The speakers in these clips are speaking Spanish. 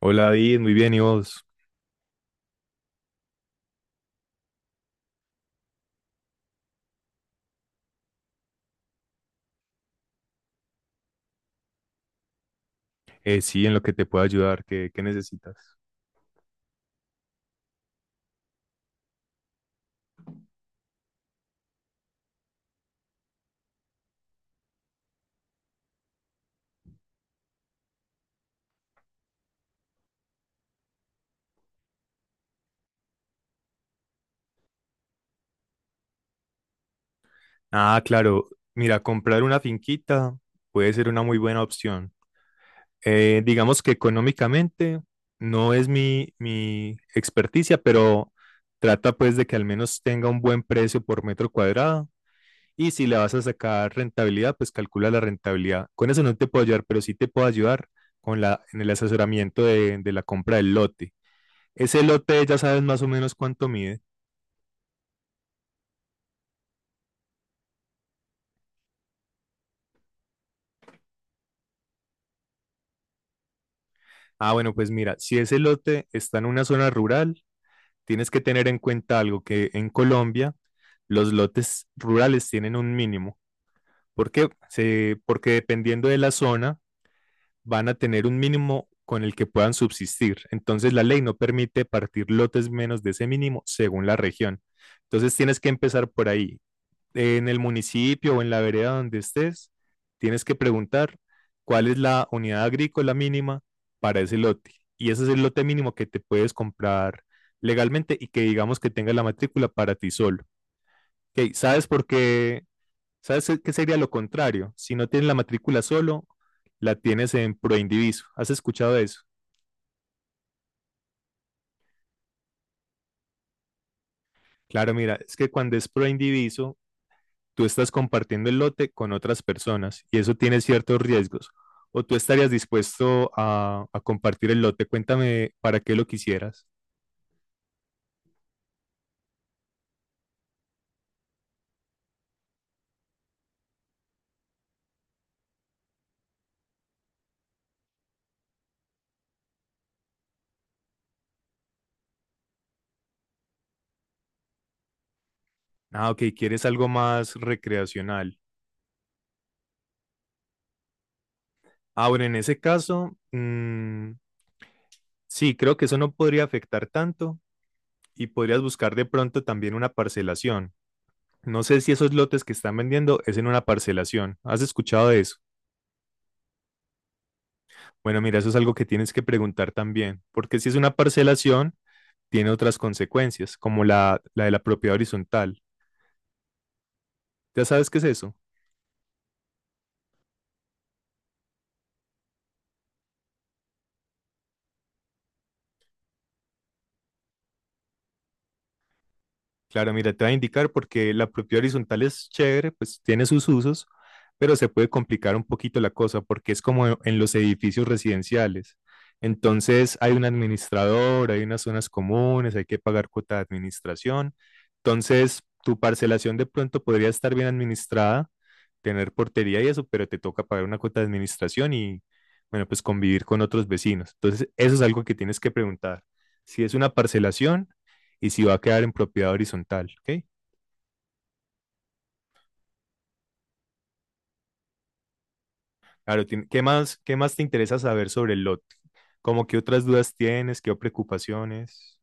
Hola David, muy bien, ¿y vos? Sí, en lo que te puedo ayudar, ¿ qué necesitas? Ah, claro, mira, comprar una finquita puede ser una muy buena opción. Digamos que económicamente no es mi experticia, pero trata pues de que al menos tenga un buen precio por metro cuadrado y si le vas a sacar rentabilidad, pues calcula la rentabilidad. Con eso no te puedo ayudar, pero sí te puedo ayudar con en el asesoramiento de la compra del lote. ¿Ese lote ya sabes más o menos cuánto mide? Ah, bueno, pues mira, si ese lote está en una zona rural, tienes que tener en cuenta algo: que en Colombia los lotes rurales tienen un mínimo. ¿Por qué? Se- porque dependiendo de la zona van a tener un mínimo con el que puedan subsistir. Entonces la ley no permite partir lotes menos de ese mínimo según la región. Entonces tienes que empezar por ahí, en el municipio o en la vereda donde estés, tienes que preguntar cuál es la unidad agrícola mínima para ese lote. Y ese es el lote mínimo que te puedes comprar legalmente y que digamos que tenga la matrícula para ti solo. Ok, ¿sabes por qué? ¿Sabes qué sería lo contrario? Si no tienes la matrícula solo, la tienes en proindiviso. ¿Has escuchado eso? Claro, mira, es que cuando es proindiviso tú estás compartiendo el lote con otras personas y eso tiene ciertos riesgos. ¿O tú estarías dispuesto a compartir el lote? Cuéntame para qué lo quisieras. Ah, ok, quieres algo más recreacional. Ahora, en ese caso, mm, sí, creo que eso no podría afectar tanto y podrías buscar de pronto también una parcelación. No sé si esos lotes que están vendiendo es en una parcelación. ¿Has escuchado de eso? Bueno, mira, eso es algo que tienes que preguntar también, porque si es una parcelación, tiene otras consecuencias, como la de la propiedad horizontal. ¿Ya sabes qué es eso? Claro, mira, te voy a indicar, porque la propiedad horizontal es chévere, pues tiene sus usos, pero se puede complicar un poquito la cosa porque es como en los edificios residenciales. Entonces hay un administrador, hay unas zonas comunes, hay que pagar cuota de administración. Entonces tu parcelación de pronto podría estar bien administrada, tener portería y eso, pero te toca pagar una cuota de administración y, bueno, pues convivir con otros vecinos. Entonces eso es algo que tienes que preguntar: si es una parcelación y si va a quedar en propiedad horizontal, ¿ok? Claro, qué más te interesa saber sobre el lote? ¿Cómo qué otras dudas tienes, qué preocupaciones?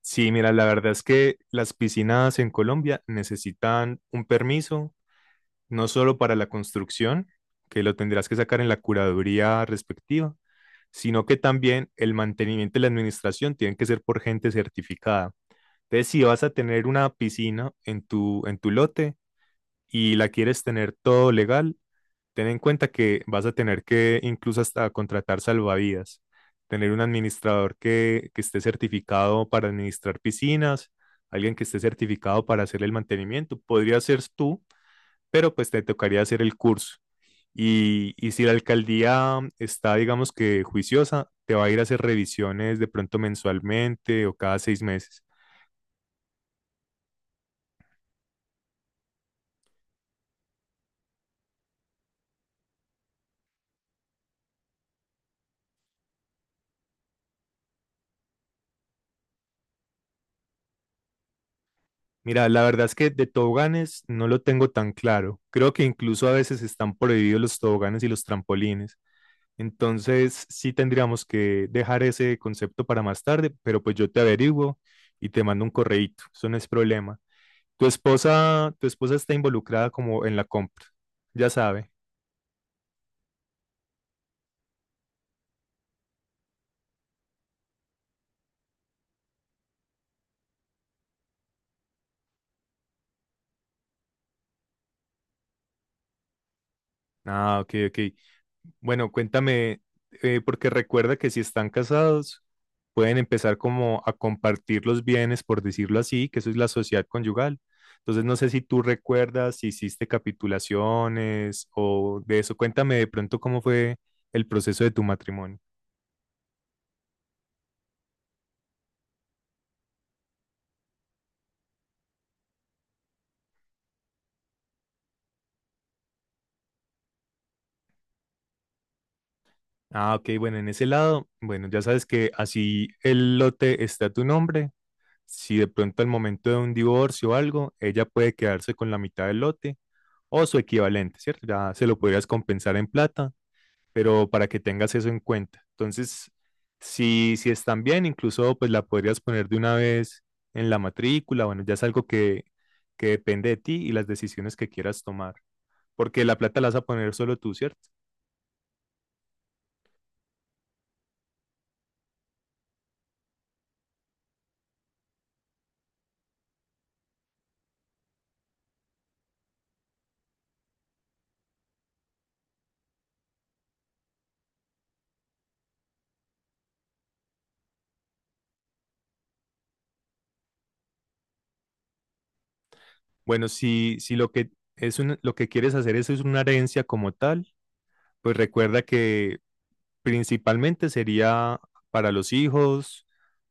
Sí, mira, la verdad es que las piscinas en Colombia necesitan un permiso, no solo para la construcción, que lo tendrás que sacar en la curaduría respectiva, sino que también el mantenimiento y la administración tienen que ser por gente certificada. Entonces, si vas a tener una piscina en en tu lote y la quieres tener todo legal, ten en cuenta que vas a tener que incluso hasta contratar salvavidas, tener un administrador que esté certificado para administrar piscinas, alguien que esté certificado para hacer el mantenimiento. Podría ser tú, pero pues te tocaría hacer el curso. Y si la alcaldía está, digamos que juiciosa, te va a ir a hacer revisiones de pronto mensualmente o cada seis meses. Mira, la verdad es que de toboganes no lo tengo tan claro. Creo que incluso a veces están prohibidos los toboganes y los trampolines. Entonces, sí tendríamos que dejar ese concepto para más tarde, pero pues yo te averiguo y te mando un correíto, eso no es problema. Tu esposa está involucrada como en la compra, ya sabe. Ah, ok, ok. Bueno, cuéntame, porque recuerda que si están casados, pueden empezar como a compartir los bienes, por decirlo así, que eso es la sociedad conyugal. Entonces, no sé si tú recuerdas si hiciste capitulaciones o de eso. Cuéntame de pronto cómo fue el proceso de tu matrimonio. Ah, ok, bueno, en ese lado, bueno, ya sabes que así el lote está a tu nombre, si de pronto al momento de un divorcio o algo, ella puede quedarse con la mitad del lote o su equivalente, ¿cierto? Ya se lo podrías compensar en plata, pero para que tengas eso en cuenta. Entonces, si están bien, incluso pues la podrías poner de una vez en la matrícula. Bueno, ya es algo que depende de ti y las decisiones que quieras tomar, porque la plata la vas a poner solo tú, ¿cierto? Bueno, si lo lo que quieres hacer eso es una herencia como tal, pues recuerda que principalmente sería para los hijos,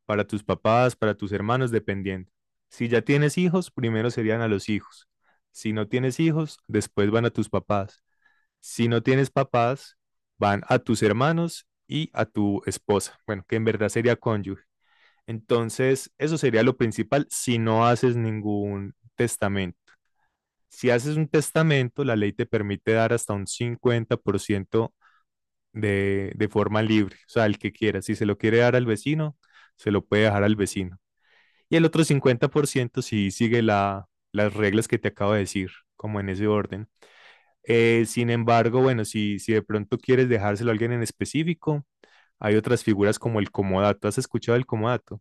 para tus papás, para tus hermanos, dependiendo. Si ya tienes hijos, primero serían a los hijos. Si no tienes hijos, después van a tus papás. Si no tienes papás, van a tus hermanos y a tu esposa. Bueno, que en verdad sería cónyuge. Entonces, eso sería lo principal si no haces ningún testamento. Si haces un testamento, la ley te permite dar hasta un 50% de forma libre, o sea, al que quiera. Si se lo quiere dar al vecino, se lo puede dejar al vecino. Y el otro 50% si sigue las reglas que te acabo de decir, como en ese orden. Sin embargo, bueno, si de pronto quieres dejárselo a alguien en específico, hay otras figuras como el comodato. ¿Has escuchado el comodato?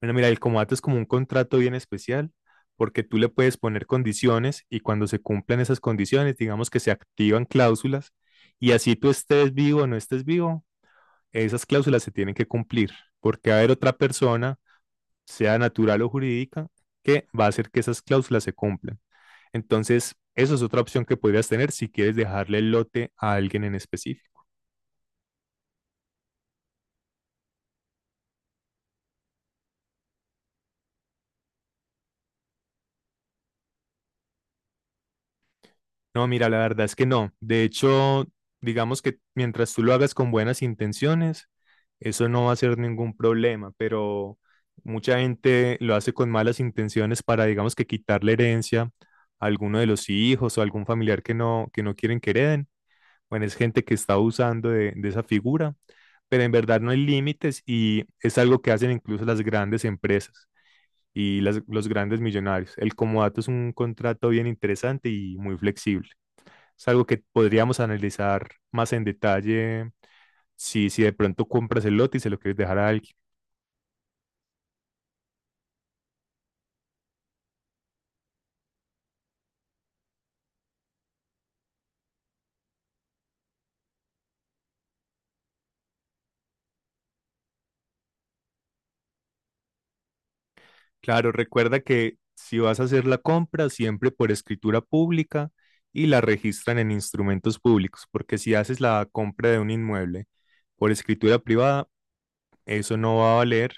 Bueno, mira, el comodato es como un contrato bien especial porque tú le puedes poner condiciones y cuando se cumplan esas condiciones, digamos que se activan cláusulas, y así tú estés vivo o no estés vivo, esas cláusulas se tienen que cumplir, porque va a haber otra persona, sea natural o jurídica, que va a hacer que esas cláusulas se cumplan. Entonces, eso es otra opción que podrías tener si quieres dejarle el lote a alguien en específico. No, mira, la verdad es que no. De hecho, digamos que mientras tú lo hagas con buenas intenciones, eso no va a ser ningún problema, pero mucha gente lo hace con malas intenciones para, digamos, que quitar la herencia a alguno de los hijos o algún familiar que no quieren que hereden. Bueno, es gente que está abusando de esa figura, pero en verdad no hay límites y es algo que hacen incluso las grandes empresas y los grandes millonarios. El comodato es un contrato bien interesante y muy flexible. Es algo que podríamos analizar más en detalle si de pronto compras el lote y se lo quieres dejar a alguien. Claro, recuerda que si vas a hacer la compra, siempre por escritura pública y la registran en instrumentos públicos, porque si haces la compra de un inmueble por escritura privada, eso no va a valer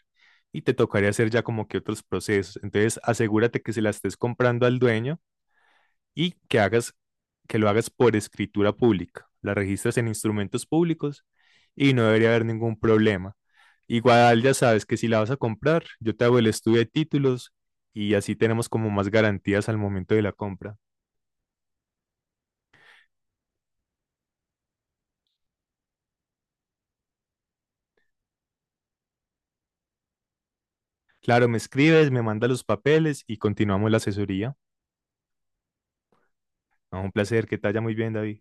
y te tocaría hacer ya como que otros procesos. Entonces, asegúrate que se la estés comprando al dueño y que hagas, que lo hagas por escritura pública. La registras en instrumentos públicos y no debería haber ningún problema. Igual ya sabes que si la vas a comprar, yo te hago el estudio de títulos y así tenemos como más garantías al momento de la compra. Claro, me escribes, me mandas los papeles y continuamos la asesoría. No, un placer, que te vaya muy bien, David.